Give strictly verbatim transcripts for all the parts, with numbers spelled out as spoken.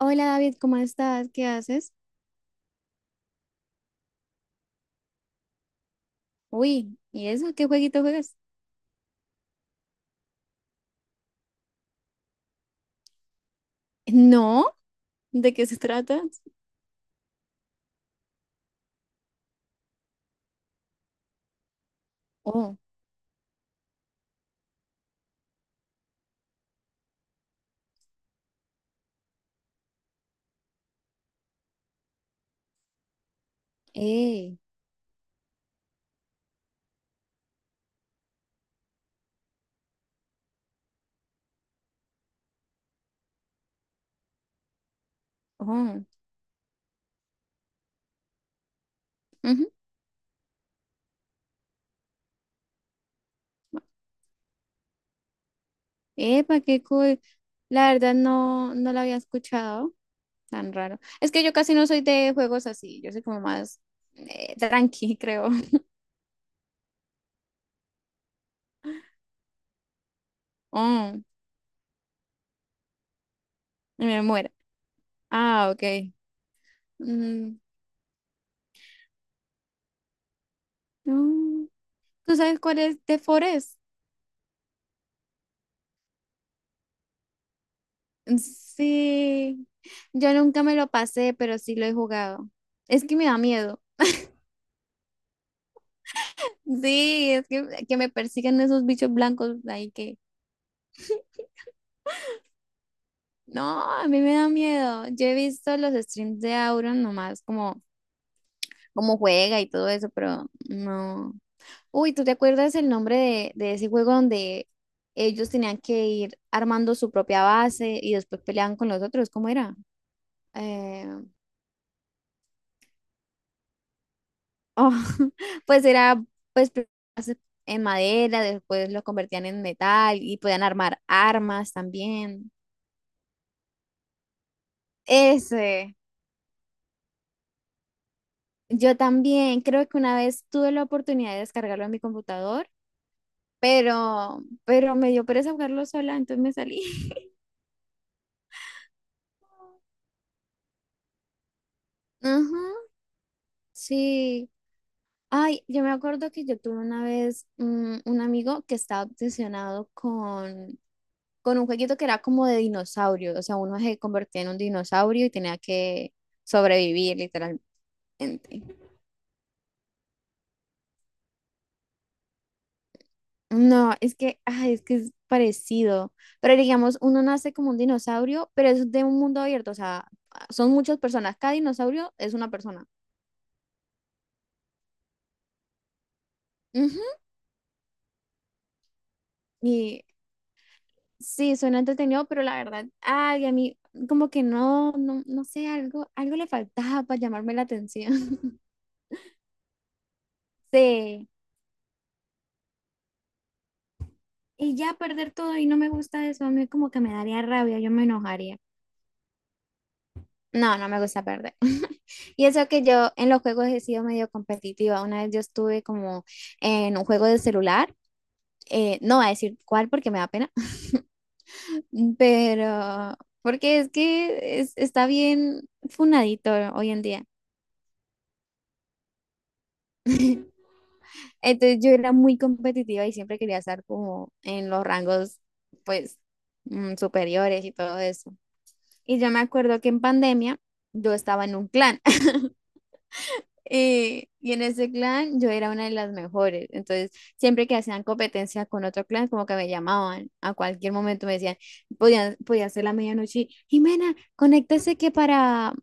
Hola David, ¿cómo estás? ¿Qué haces? Uy, ¿y eso? ¿Qué jueguito juegas? ¿No? ¿De qué se trata? Oh, eh, oh, ujú. Epa, qué cool. La verdad no, no la había escuchado, tan raro. Es que yo casi no soy de juegos así, yo soy como más eh, tranqui, creo. Oh, me muero. Ah, ok. Mm, no. ¿Tú sabes cuál es The Forest? Sí. Yo nunca me lo pasé, pero sí lo he jugado. Es que me da miedo. Sí, es que, que me persigan esos bichos blancos ahí que... No, a mí me da miedo. Yo he visto los streams de Auron nomás, como, como juega y todo eso, pero no. Uy, ¿tú te acuerdas el nombre de, de ese juego donde ellos tenían que ir armando su propia base y después peleaban con los otros? ¿Cómo era? Eh, Oh, pues era pues hace- en madera, después lo convertían en metal y podían armar armas también. Ese, yo también creo que una vez tuve la oportunidad de descargarlo en mi computador, pero pero me dio pereza jugarlo sola, entonces me salí. Ujú, sí. Ay, yo me acuerdo que yo tuve una vez mm, un amigo que estaba obsesionado con con un jueguito que era como de dinosaurio, o sea, uno se convertía en un dinosaurio y tenía que sobrevivir literalmente. No, es que, ay, es que es parecido, pero digamos, uno nace como un dinosaurio, pero es de un mundo abierto, o sea, son muchas personas, cada dinosaurio es una persona. Ujú, y sí, suena entretenido, pero la verdad, ay, a mí como que no, no, no sé, algo, algo le faltaba para llamarme la atención. Sí. Y ya perder todo y no me gusta eso, a mí como que me daría rabia, yo me enojaría. No, no me gusta perder. Y eso que yo en los juegos he sido medio competitiva. Una vez yo estuve como en un juego de celular, eh, no voy a decir cuál porque me da pena, pero porque es que es- está bien funadito hoy en día. Entonces yo era muy competitiva y siempre quería estar como en los rangos pues mm, superiores y todo eso. Y yo me acuerdo que en pandemia yo estaba en un clan. Eh, y en ese clan yo era una de las mejores. Entonces, siempre que hacían competencia con otro clan, como que me llamaban a cualquier momento, me decían, podía, podía ser la medianoche, y, Jimena, conéctese que para,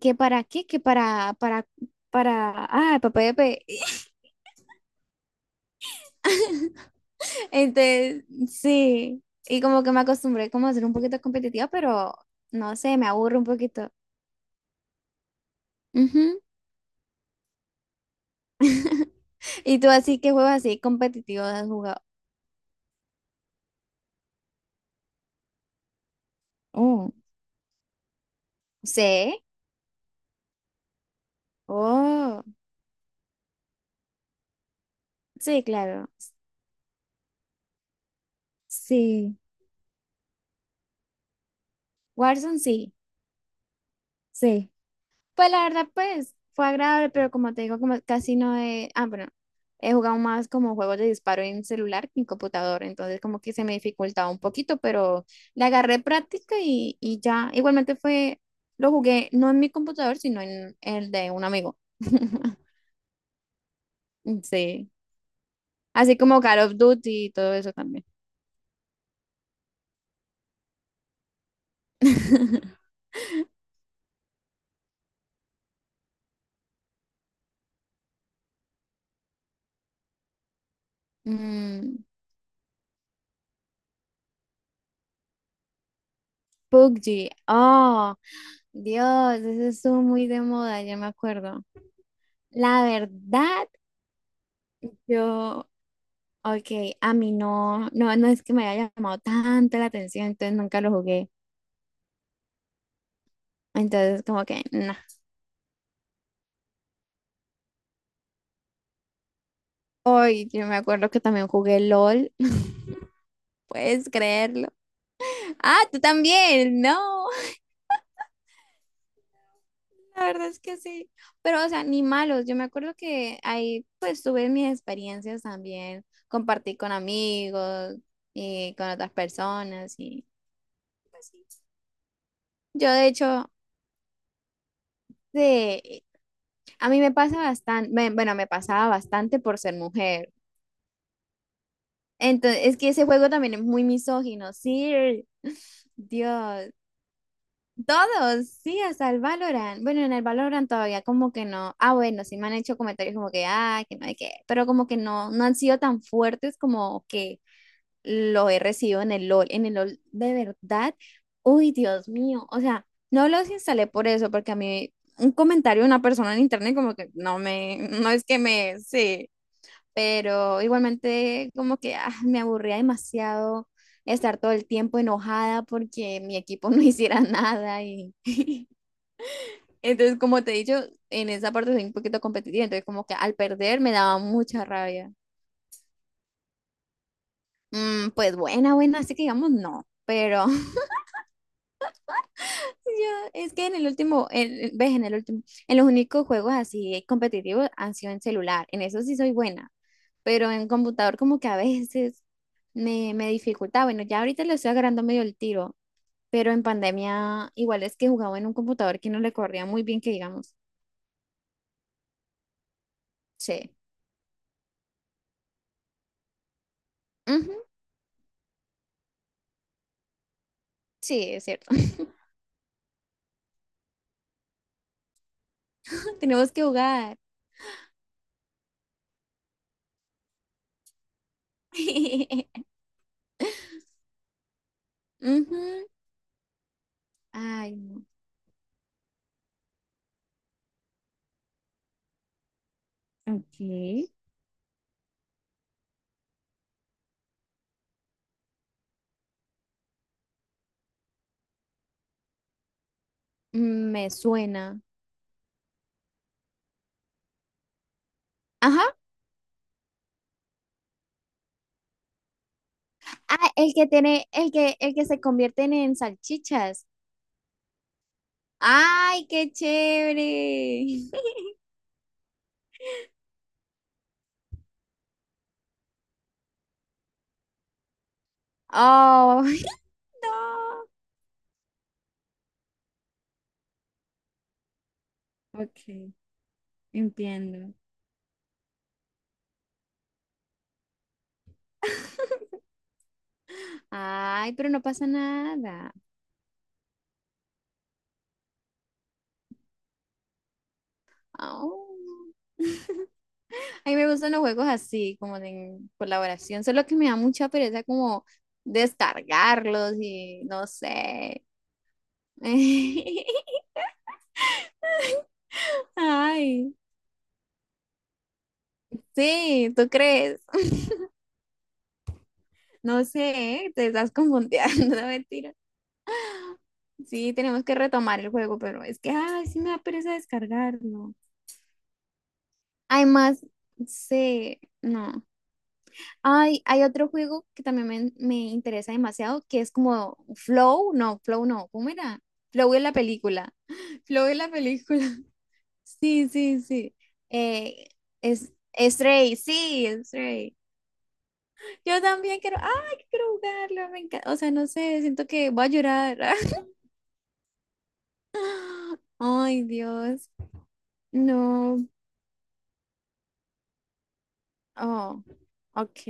que para qué, que para, para, para, ah, papá de pe-". Entonces, sí, y como que me acostumbré como a ser un poquito competitiva, pero no sé, me aburro un poquito. Ujú. ¿Y tú así que juegos así competitivos has jugado? Oh, sí. Oh. Sí, claro. Sí. Warzone sí. Sí. Pues la verdad, pues fue agradable, pero como te digo, como casi no he. Ah, bueno, he jugado más como juegos de disparo en celular que en computador, entonces como que se me dificultaba un poquito, pero le agarré práctica y, y ya. Igualmente fue. Lo jugué no en mi computador, sino en el de un amigo. Sí. Así como Call of Duty y todo eso también. Mm, P U B G. Oh. Dios, eso estuvo muy de moda, ya me acuerdo. La verdad, yo, ok, a mí no, no, no es que me haya llamado tanto la atención, entonces nunca lo jugué. Entonces, como que, no. Hoy, yo me acuerdo que también jugué LOL. ¿Puedes creerlo? Ah, tú también, no. La verdad es que sí, pero o sea, ni malos. Yo me acuerdo que ahí pues tuve mis experiencias también, compartí con amigos y con otras personas y pues sí. Yo de hecho, de, a mí me pasa bastante, bueno, me pasaba bastante por ser mujer. Entonces, es que ese juego también es muy misógino, sí, Dios, todos, sí, hasta el Valorant. Bueno, en el Valorant todavía como que no, ah, bueno, sí me han hecho comentarios como que, ah, que no hay que, pero como que no, no han sido tan fuertes como que lo he recibido en el LOL. En el LOL, de verdad, uy, Dios mío. O sea, no los instalé por eso, porque a mí un comentario de una persona en internet como que no me, no es que me, sí, pero igualmente como que ah, me aburría demasiado estar todo el tiempo enojada porque mi equipo no hiciera nada y entonces como te he dicho, en esa parte soy un poquito competitiva, entonces como que al perder me daba mucha rabia. Mm, pues buena, buena, así que digamos no, pero yo, es que en el último, el ves, en el último, en los únicos juegos así competitivos han sido en celular. En eso sí soy buena, pero en computador como que a veces me, me dificulta. Bueno, ya ahorita le estoy agarrando medio el tiro, pero en pandemia igual es que jugaba en un computador que no le corría muy bien, que digamos. Sí. Ujú, sí, es cierto. Tenemos que jugar. Ujú. Ay, no. Ok. Me suena. Ajá, ah, el que tiene, el que, el que se convierten en salchichas. ¡Ay, qué chévere! ¡Oh, no! Ok, entiendo. Ay, pero no pasa nada. Au. A mí me gustan los juegos así, como de colaboración, solo que me da mucha pereza como descargarlos y no sé. Ay, sí, ¿tú crees? No sé, te estás confundiendo, mentira. Sí, tenemos que retomar el juego, pero es que, ay, sí me da pereza descargarlo. Además, sé, no. Ay, hay otro juego que también me, me interesa demasiado, que es como Flow, no, Flow no, ¿cómo era? Flow es la película. Flow es la película. Sí, sí, sí. Eh, es Stray, sí, Stray. Yo también quiero, ay, que quiero jugarlo, me encanta. O sea, no sé, siento que voy a llorar. Ay, Dios. No. Oh, ok.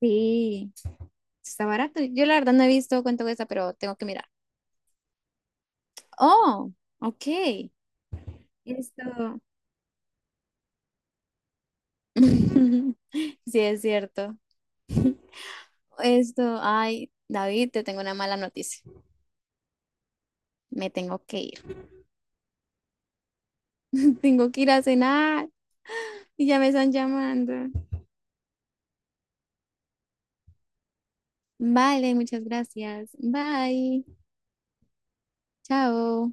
Sí, está barato. Yo la verdad no he visto cuánto cuesta, pero tengo que mirar. Oh, ok. Esto. Sí, es cierto. Esto, ay, David, te tengo una mala noticia. Me tengo que ir. Tengo que ir a cenar y ya me están llamando. Vale, muchas gracias. Bye. Chao.